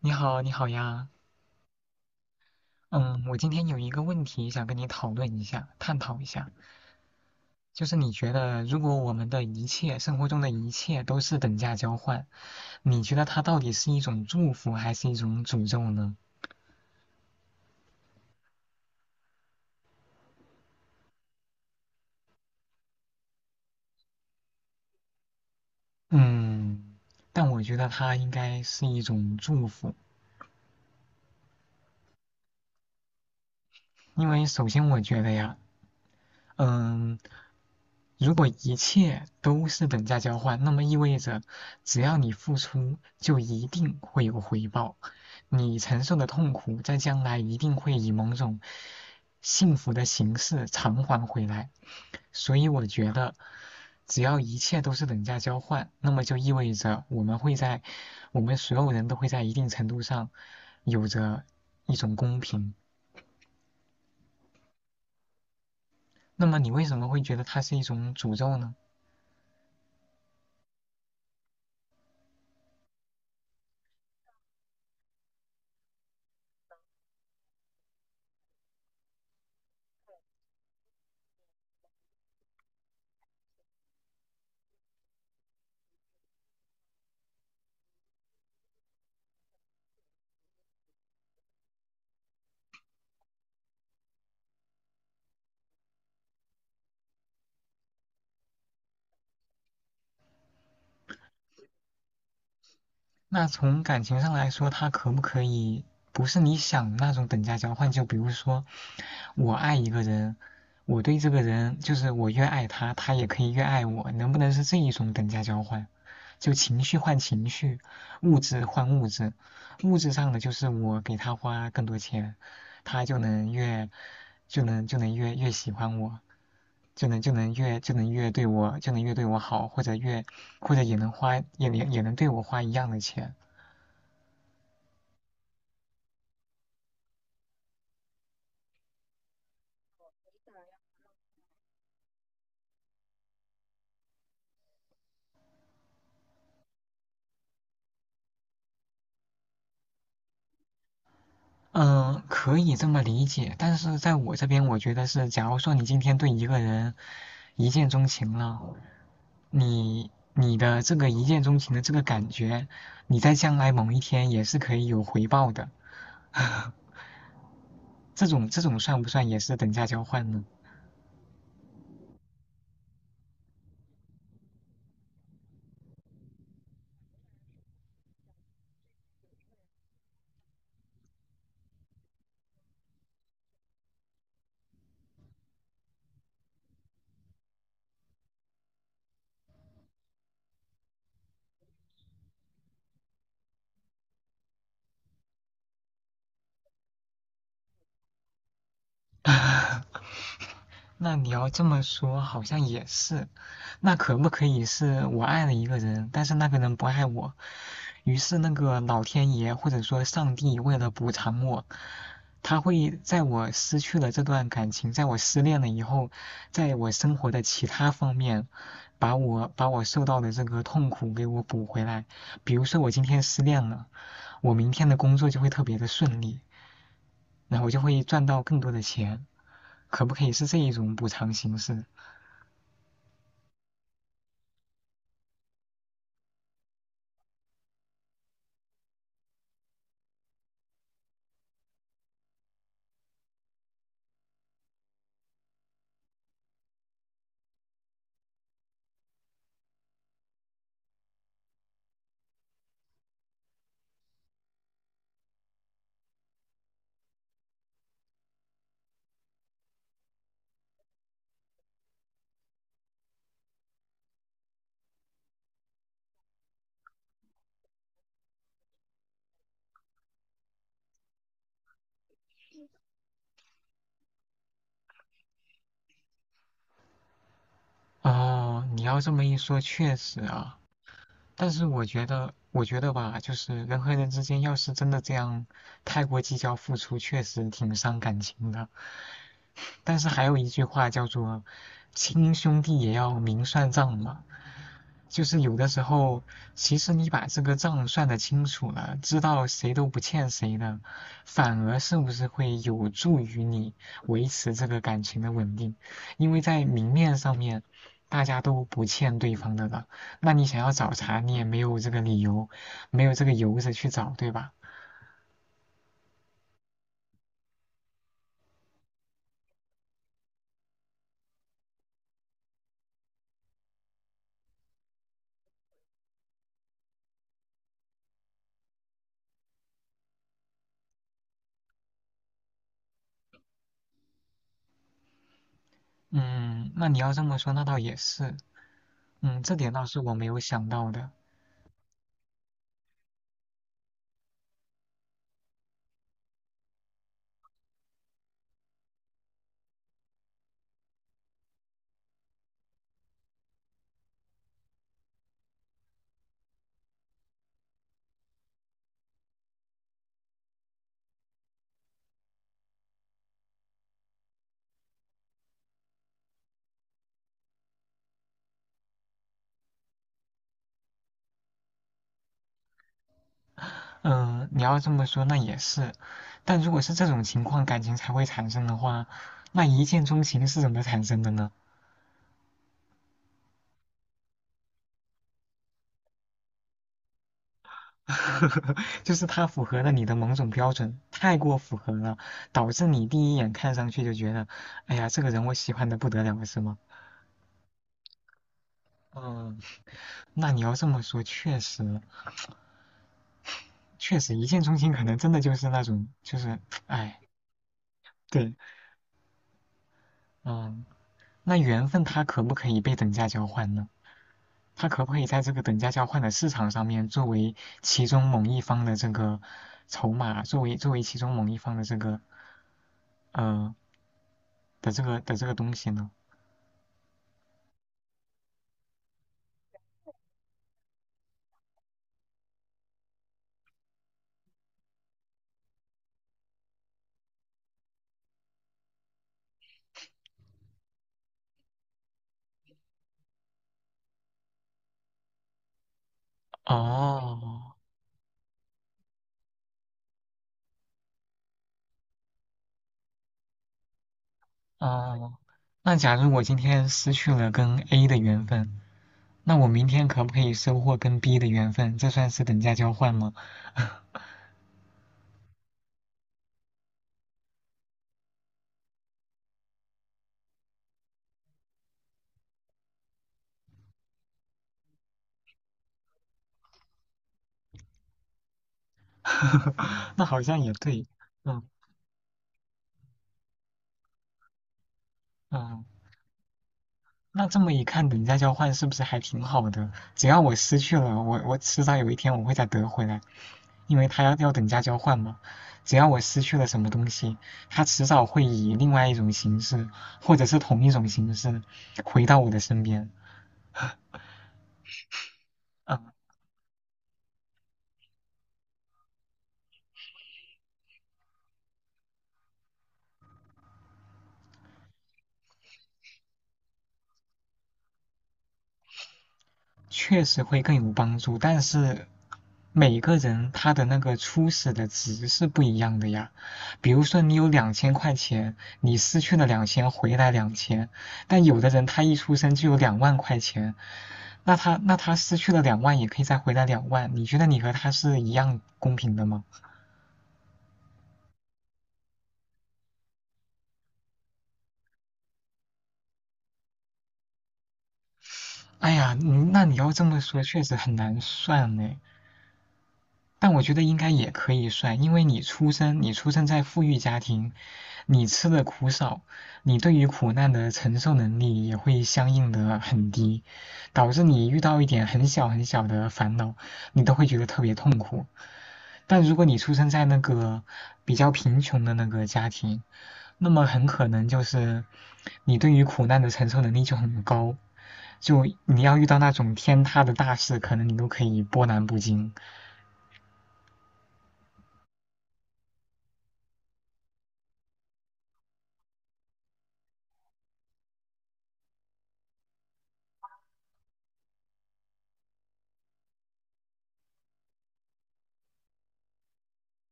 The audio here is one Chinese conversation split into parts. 你好，你好呀。嗯，我今天有一个问题想跟你讨论一下，探讨一下，就是你觉得如果我们的一切，生活中的一切都是等价交换，你觉得它到底是一种祝福还是一种诅咒呢？嗯，但我觉得它应该是一种祝福，因为首先我觉得呀，嗯。如果一切都是等价交换，那么意味着只要你付出，就一定会有回报。你承受的痛苦，在将来一定会以某种幸福的形式偿还回来。所以我觉得，只要一切都是等价交换，那么就意味着我们会在，我们所有人都会在一定程度上有着一种公平。那么你为什么会觉得它是一种诅咒呢？那从感情上来说，他可不可以不是你想的那种等价交换？就比如说，我爱一个人，我对这个人就是我越爱他，他也可以越爱我，能不能是这一种等价交换？就情绪换情绪，物质换物质，物质上的就是我给他花更多钱，他就能越喜欢我。就能越对我好，或者越或者也能花也能也能对我花一样的钱。嗯，可以这么理解，但是在我这边，我觉得是，假如说你今天对一个人一见钟情了，你的这个一见钟情的这个感觉，你在将来某一天也是可以有回报的，这种算不算也是等价交换呢？那你要这么说，好像也是。那可不可以是我爱了一个人，但是那个人不爱我，于是那个老天爷或者说上帝为了补偿我，他会在我失去了这段感情，在我失恋了以后，在我生活的其他方面，把我受到的这个痛苦给我补回来。比如说我今天失恋了，我明天的工作就会特别的顺利，然后我就会赚到更多的钱。可不可以是这一种补偿形式？哦，你要这么一说，确实啊。但是我觉得吧，就是人和人之间要是真的这样太过计较付出，确实挺伤感情的。但是还有一句话叫做“亲兄弟也要明算账”嘛，就是有的时候，其实你把这个账算得清楚了，知道谁都不欠谁的，反而是不是会有助于你维持这个感情的稳定？因为在明面上面，大家都不欠对方的了，那你想要找茬，你也没有这个理由，没有这个由子去找，对吧？嗯，那你要这么说，那倒也是，嗯，这点倒是我没有想到的。嗯，你要这么说那也是，但如果是这种情况感情才会产生的话，那一见钟情是怎么产生的呢？就是它符合了你的某种标准，太过符合了，导致你第一眼看上去就觉得，哎呀，这个人我喜欢的不得了，是吗？嗯，那你要这么说，确实，确实一见钟情可能真的就是那种，就是，哎，对，嗯，那缘分它可不可以被等价交换呢？他可不可以在这个等价交换的市场上面，作为其中某一方的这个筹码，作为其中某一方的这个呃东西呢？哦，哦，那假如我今天失去了跟 A 的缘分，那我明天可不可以收获跟 B 的缘分？这算是等价交换吗？那好像也对，嗯嗯。那这么一看，等价交换是不是还挺好的？只要我失去了，我迟早有一天我会再得回来，因为他要等价交换嘛。只要我失去了什么东西，他迟早会以另外一种形式，或者是同一种形式回到我的身边。嗯，确实会更有帮助，但是每个人他的那个初始的值是不一样的呀。比如说你有2000块钱，你失去了两千，回来两千，但有的人他一出生就有2万块钱，那他失去了两万也可以再回来两万，你觉得你和他是一样公平的吗？哎呀，那你要这么说，确实很难算呢。但我觉得应该也可以算，因为你出生在富裕家庭，你吃的苦少，你对于苦难的承受能力也会相应的很低，导致你遇到一点很小很小的烦恼，你都会觉得特别痛苦。但如果你出生在那个比较贫穷的那个家庭，那么很可能就是你对于苦难的承受能力就很高，就你要遇到那种天塌的大事，可能你都可以波澜不惊。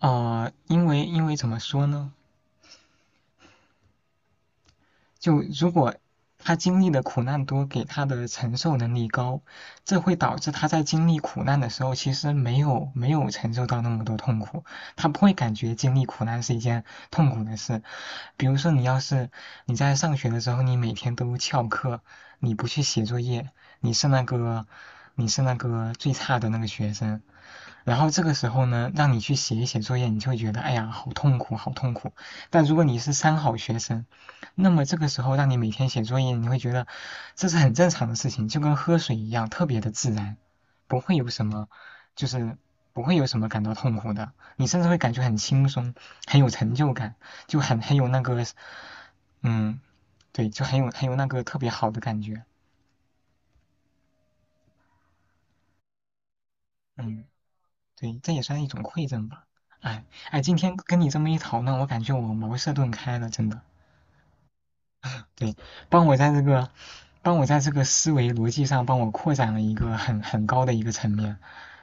因为怎么说呢？就如果他经历的苦难多，给他的承受能力高，这会导致他在经历苦难的时候，其实没有承受到那么多痛苦，他不会感觉经历苦难是一件痛苦的事。比如说，你要是你在上学的时候，你每天都翘课，你不去写作业，你是那个你是那个最差的那个学生，然后这个时候呢，让你去写一写作业，你就会觉得哎呀，好痛苦，好痛苦。但如果你是三好学生，那么这个时候让你每天写作业，你会觉得这是很正常的事情，就跟喝水一样，特别的自然，不会有什么，就是不会有什么感到痛苦的。你甚至会感觉很轻松，很有成就感，就很有那个，嗯，对，就很有那个特别好的感觉，嗯。对，这也算一种馈赠吧。哎哎，今天跟你这么一讨论，我感觉我茅塞顿开了，真的。对，帮我在这个，帮我在这个思维逻辑上帮我扩展了一个很高的一个层面，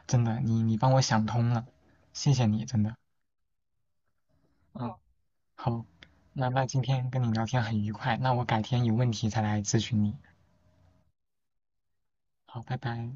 真的，你帮我想通了，谢谢你，真的。嗯，好，那今天跟你聊天很愉快，那我改天有问题再来咨询你。好，拜拜。